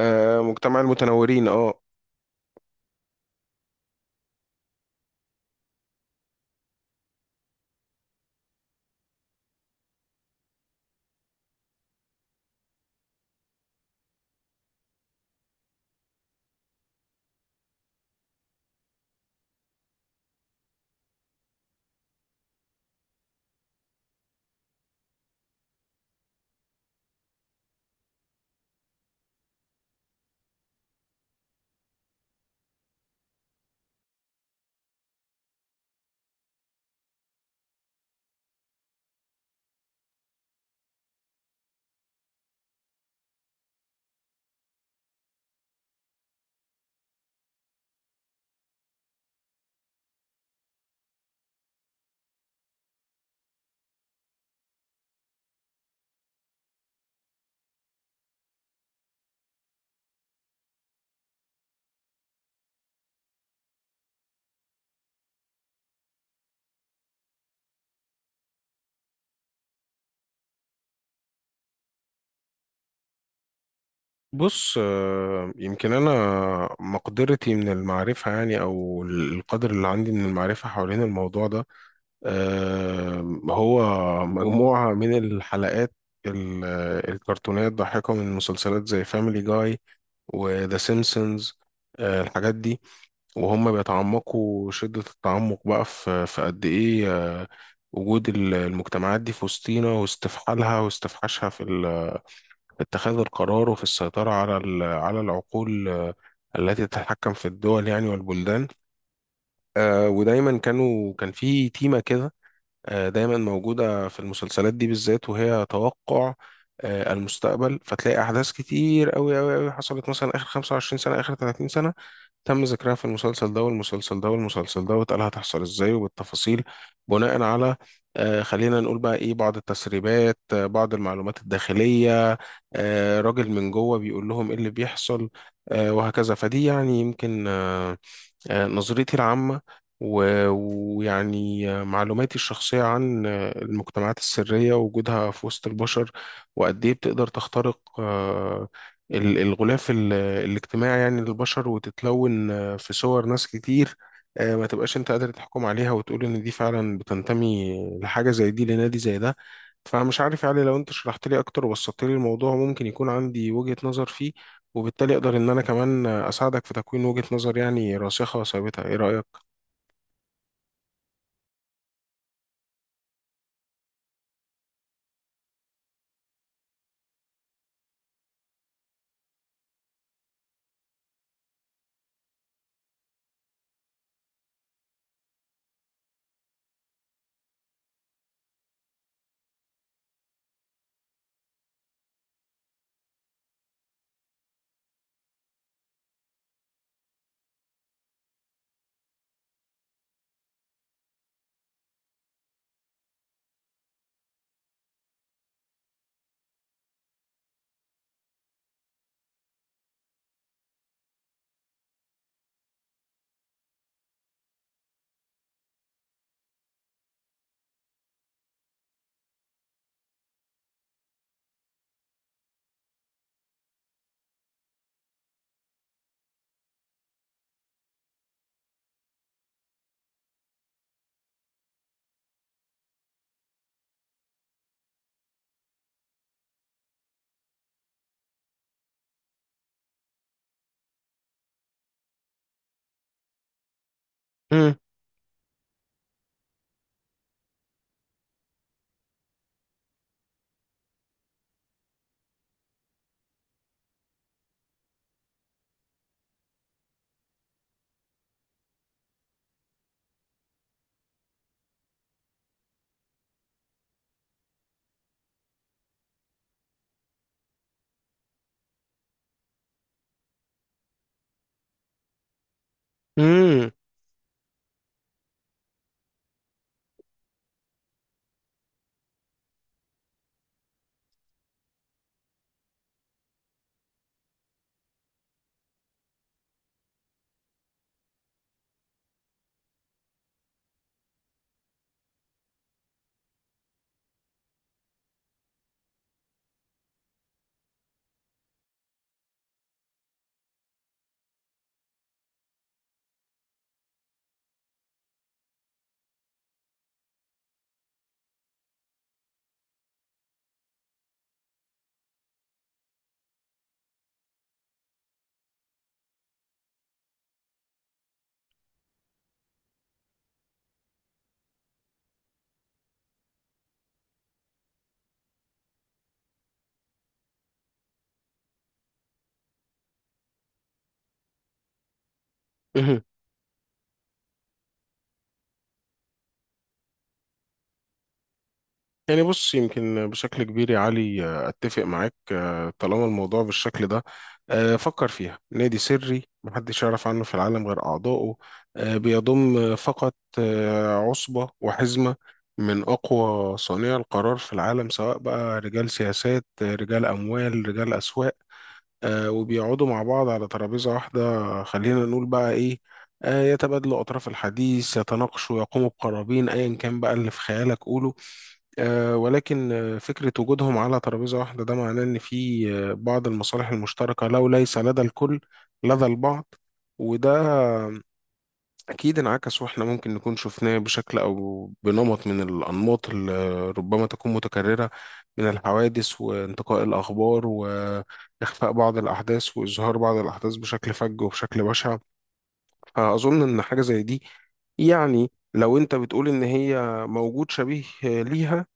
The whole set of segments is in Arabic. مجتمع المتنورين بص، يمكن انا مقدرتي من المعرفه يعني او القدر اللي عندي من المعرفه حوالين الموضوع ده. آه، هو مجموعه من الحلقات، ال- الكرتونات ضاحكه من مسلسلات زي فاميلي جاي وذا سيمبسونز، الحاجات دي. وهم بيتعمقوا شده التعمق بقى في قد ايه آه، وجود المجتمعات دي في وسطينا، واستفحالها واستفحاشها في اتخاذ القرار، وفي السيطرة على على العقول، التي تتحكم في الدول يعني والبلدان. ودايما كان في تيمة كده، دايما موجودة في المسلسلات دي بالذات. وهي توقع المستقبل، فتلاقي أحداث كتير أوي أوي أوي حصلت مثلا آخر 25 سنة، آخر 30 سنة، تم ذكرها في المسلسل ده والمسلسل ده والمسلسل ده، واتقال هتحصل ازاي وبالتفاصيل، بناء على خلينا نقول بقى ايه، بعض التسريبات، بعض المعلومات الداخلية، راجل من جوه بيقول لهم ايه اللي بيحصل، وهكذا. فدي يعني يمكن نظريتي العامة، ويعني معلوماتي الشخصية عن المجتمعات السرية ووجودها في وسط البشر، وقد إيه بتقدر تخترق الغلاف الاجتماعي يعني للبشر، وتتلون في صور ناس كتير ما تبقاش أنت قادر تحكم عليها وتقول إن دي فعلا بتنتمي لحاجة زي دي، لنادي زي ده. فمش عارف، يعني لو أنت شرحت لي أكتر وبسطت لي الموضوع، ممكن يكون عندي وجهة نظر فيه، وبالتالي اقدر ان انا كمان اساعدك في تكوين وجهة نظر يعني راسخة وثابتة. ايه رأيك؟ مم. مم. مهم. يعني بص، يمكن بشكل كبير يا علي اتفق معاك طالما الموضوع بالشكل ده. فكر فيها نادي سري محدش يعرف عنه في العالم غير اعضائه، بيضم فقط عصبة وحزمة من اقوى صانعي القرار في العالم، سواء بقى رجال سياسات رجال اموال، رجال اسواق، وبيقعدوا مع بعض على ترابيزة واحدة. خلينا نقول بقى إيه، يتبادلوا أطراف الحديث، يتناقشوا، يقوموا بقرابين، أيا كان بقى اللي في خيالك قوله. ولكن فكرة وجودهم على ترابيزة واحدة ده معناه إن في بعض المصالح المشتركة، لو ليس لدى الكل لدى البعض. وده أكيد انعكس، وإحنا ممكن نكون شفناه بشكل أو بنمط من الأنماط اللي ربما تكون متكررة، من الحوادث وانتقاء الأخبار وإخفاء بعض الأحداث وإظهار بعض الأحداث بشكل فج وبشكل بشع. فأظن إن حاجة زي دي، يعني لو أنت بتقول إن هي موجود شبيه ليها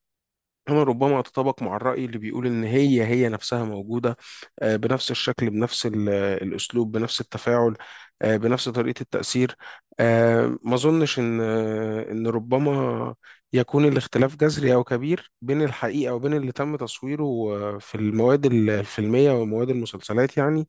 هنا، ربما أتطابق مع الرأي اللي بيقول إن هي هي نفسها موجودة بنفس الشكل، بنفس الأسلوب، بنفس التفاعل، بنفس طريقة التأثير. ما أظنش إن ربما يكون الاختلاف جذري أو كبير بين الحقيقة وبين اللي تم تصويره في المواد الفيلمية ومواد المسلسلات يعني.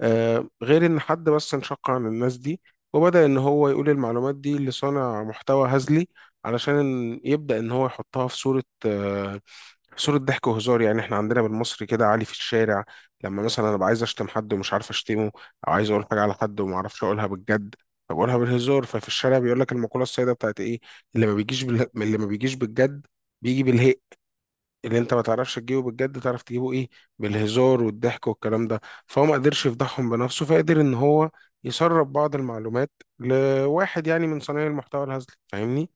غير إن حد بس انشق عن الناس دي وبدأ إن هو يقول المعلومات دي لصانع محتوى هزلي، علشان يبدأ إن هو يحطها في صورة ضحك وهزار. يعني احنا عندنا بالمصري كده عالي في الشارع، لما مثلا ابقى عايز اشتم حد ومش عارف اشتمه، او عايز اقول حاجة على حد وما اعرفش اقولها بالجد، فبقولها بالهزار. ففي الشارع بيقول لك المقولة السائدة بتاعت ايه؟ اللي ما بيجيش بالجد بيجي بالهق. اللي انت ما تعرفش تجيبه بالجد، تعرف تجيبه ايه؟ بالهزار والضحك والكلام ده. فهو ما قدرش يفضحهم بنفسه، فقدر ان هو يسرب بعض المعلومات لواحد يعني من صنايع المحتوى الهزلي. فاهمني؟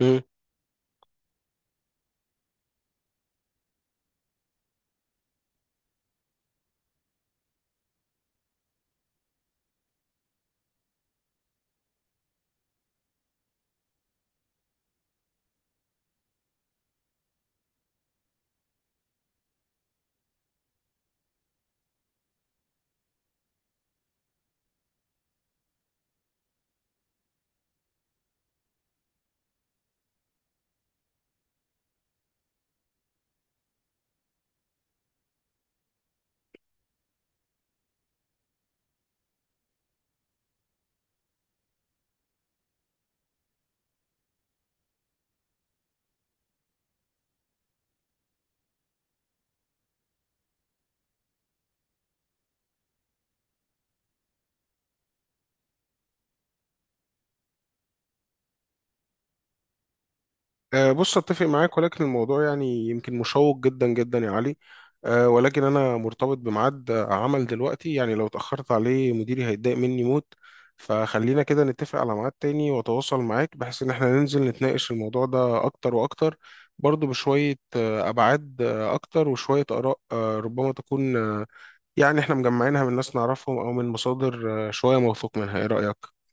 بص، اتفق معاك، ولكن الموضوع يعني يمكن مشوق جدا جدا يا علي. ولكن انا مرتبط بميعاد عمل دلوقتي، يعني لو اتاخرت عليه مديري هيتضايق مني موت. فخلينا كده نتفق على ميعاد تاني واتواصل معاك بحيث ان احنا ننزل نتناقش الموضوع ده اكتر واكتر، برضه بشوية ابعاد اكتر، وشوية اراء ربما تكون يعني احنا مجمعينها من ناس نعرفهم او من مصادر شوية موثوق منها. ايه رأيك؟